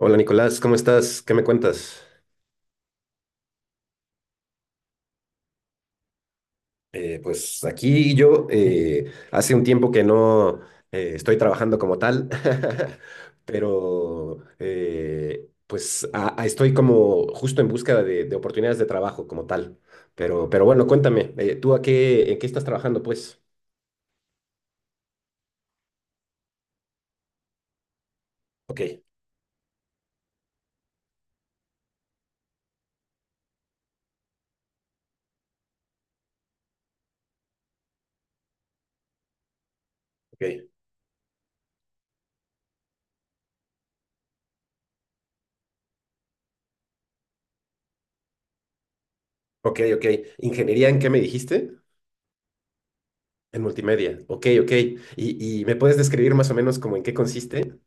Hola Nicolás, ¿cómo estás? ¿Qué me cuentas? Pues aquí yo, hace un tiempo que no estoy trabajando como tal, pero pues estoy como justo en búsqueda de oportunidades de trabajo como tal. Pero bueno, cuéntame, ¿tú a qué, en qué estás trabajando pues? Ok, ok, ok, ok. ¿Ingeniería en qué me dijiste? En multimedia. Ok, ok. ¿Y me puedes describir más o menos como en qué consiste?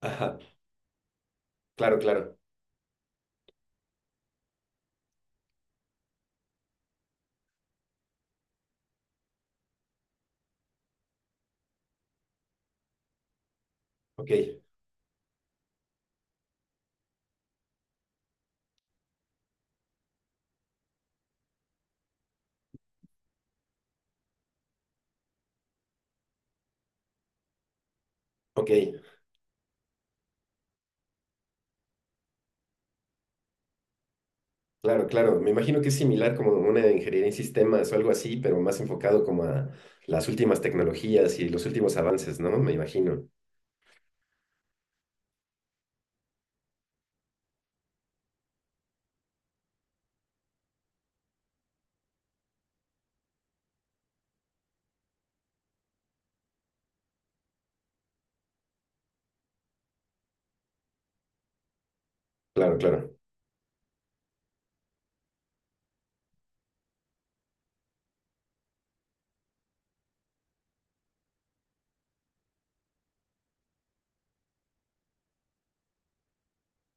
Ajá, claro, claro. Ok, ok. Claro, claro. Me imagino que es similar como una ingeniería en sistemas o algo así, pero más enfocado como a las últimas tecnologías y los últimos avances, ¿no? Me imagino. Claro, claro.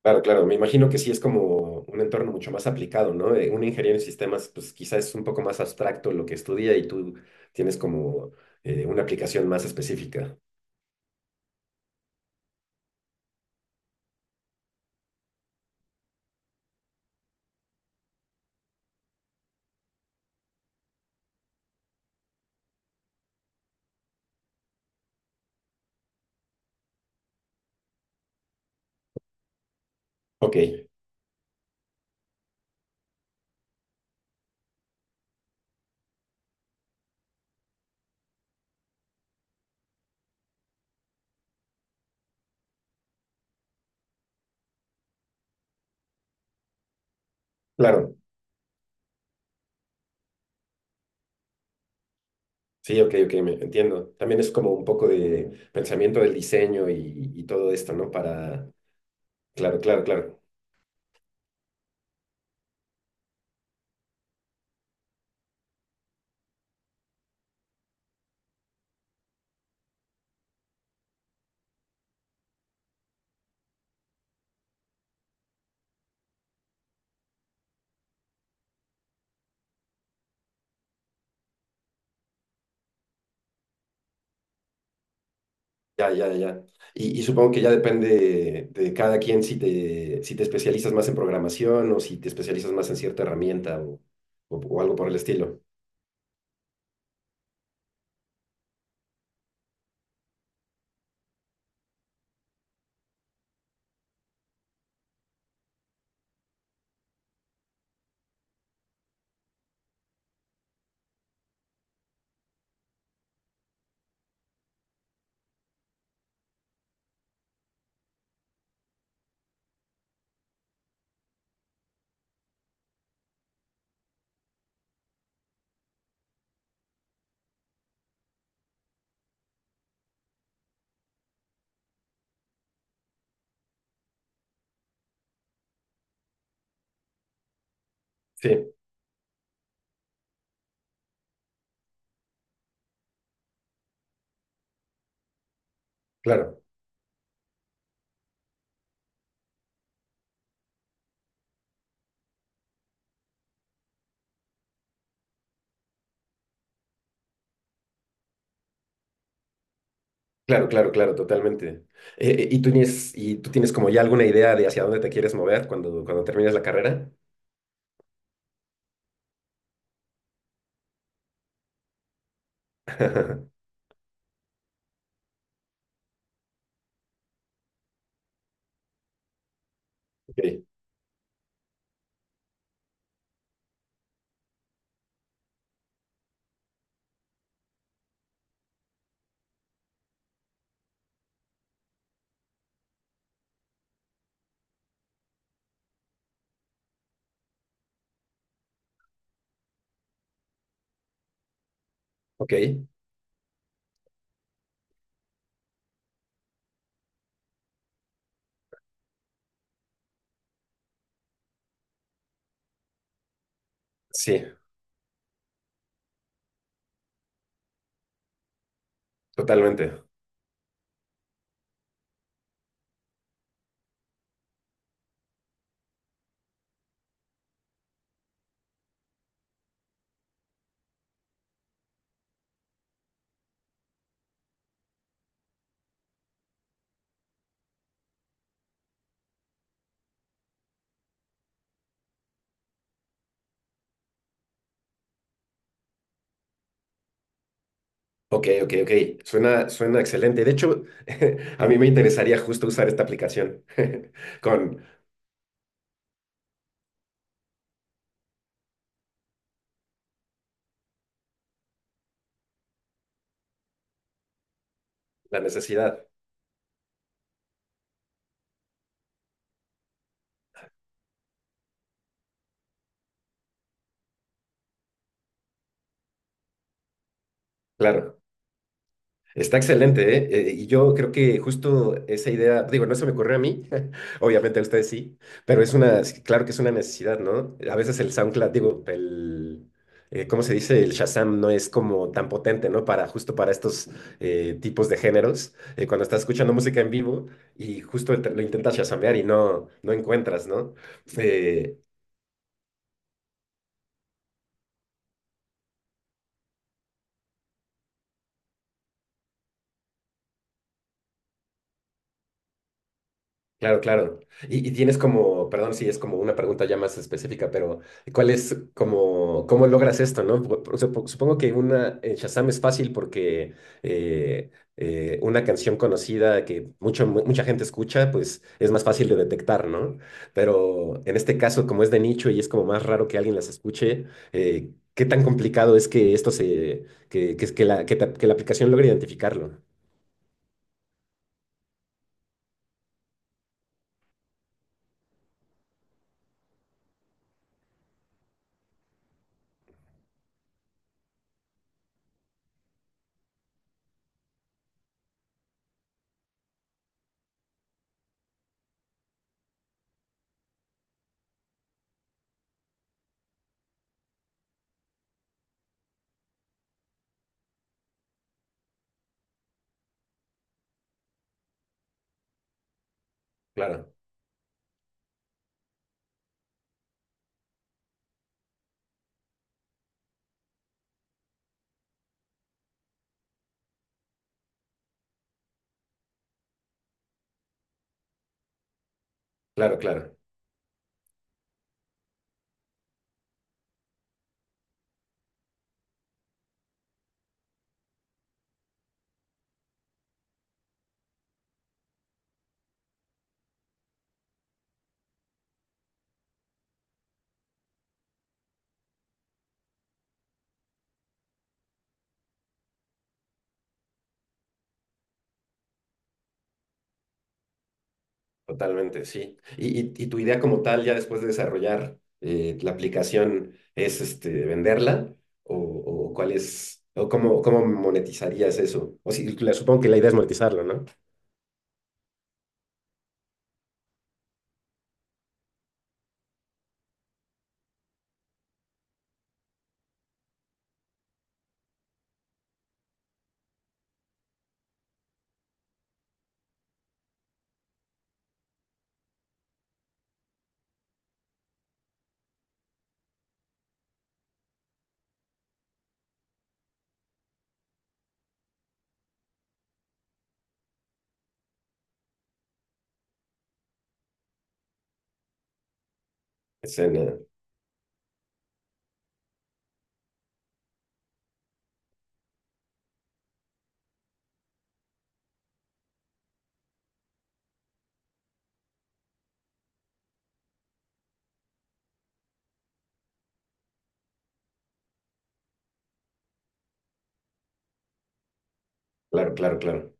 Claro, claro. Me imagino que sí es como un entorno mucho más aplicado, ¿no? Una ingeniería en sistemas, pues quizás es un poco más abstracto lo que estudia y tú tienes como una aplicación más específica. Ok, claro. Sí, ok, ok, me entiendo. También es como un poco de pensamiento del diseño y todo esto, ¿no? Para... Claro, claro, claro. Ya, ya, ya. Y supongo que ya depende de cada quien si te, si te especializas más en programación o si te especializas más en cierta herramienta o, o algo por el estilo. Sí, claro, claro, claro, claro, totalmente. Y tú tienes como ya alguna idea de hacia dónde te quieres mover cuando termines la carrera? Ok, ok, sí, totalmente. Ok, ok, ok. Suena, suena excelente. De hecho, a mí me interesaría justo usar esta aplicación con la necesidad. Claro. Está excelente, ¿eh? Y yo creo que justo esa idea, digo, no se me ocurrió a mí, obviamente a ustedes sí, pero es una, claro que es una necesidad, ¿no? A veces el SoundCloud, digo, el, ¿cómo se dice? El Shazam no es como tan potente, ¿no? Para justo para estos tipos de géneros, cuando estás escuchando música en vivo y justo lo intentas shazamear no encuentras, ¿no? Eh, claro, claro. Y tienes como, perdón si es como una pregunta ya más específica, pero ¿cuál es como, cómo logras esto, no? Supongo que una en Shazam es fácil porque una canción conocida que mucha gente escucha, pues es más fácil de detectar, ¿no? Pero en este caso, como es de nicho y es como más raro que alguien las escuche, ¿qué tan complicado es que esto se, que la, que la aplicación logre identificarlo? Claro, claro, claro. Totalmente, sí. Y tu idea como tal, ya después de desarrollar la aplicación, ¿es este, venderla? ¿O, o cuál es, cómo monetizarías eso? O si, supongo que la idea es monetizarlo, ¿no? Escena. Claro, claro, claro.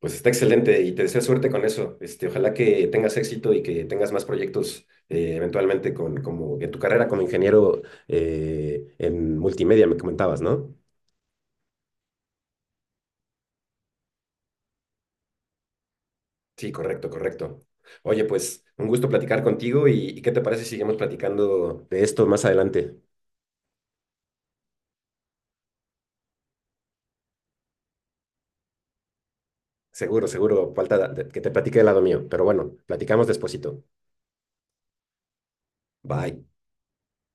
Pues está excelente y te deseo suerte con eso. Este, ojalá que tengas éxito y que tengas más proyectos eventualmente con, como en tu carrera como ingeniero en multimedia, me comentabas, ¿no? Sí, correcto, correcto. Oye, pues un gusto platicar contigo y ¿qué te parece si seguimos platicando de esto más adelante? Seguro, seguro, que te platique del lado mío, pero bueno, platicamos despuesito. Bye.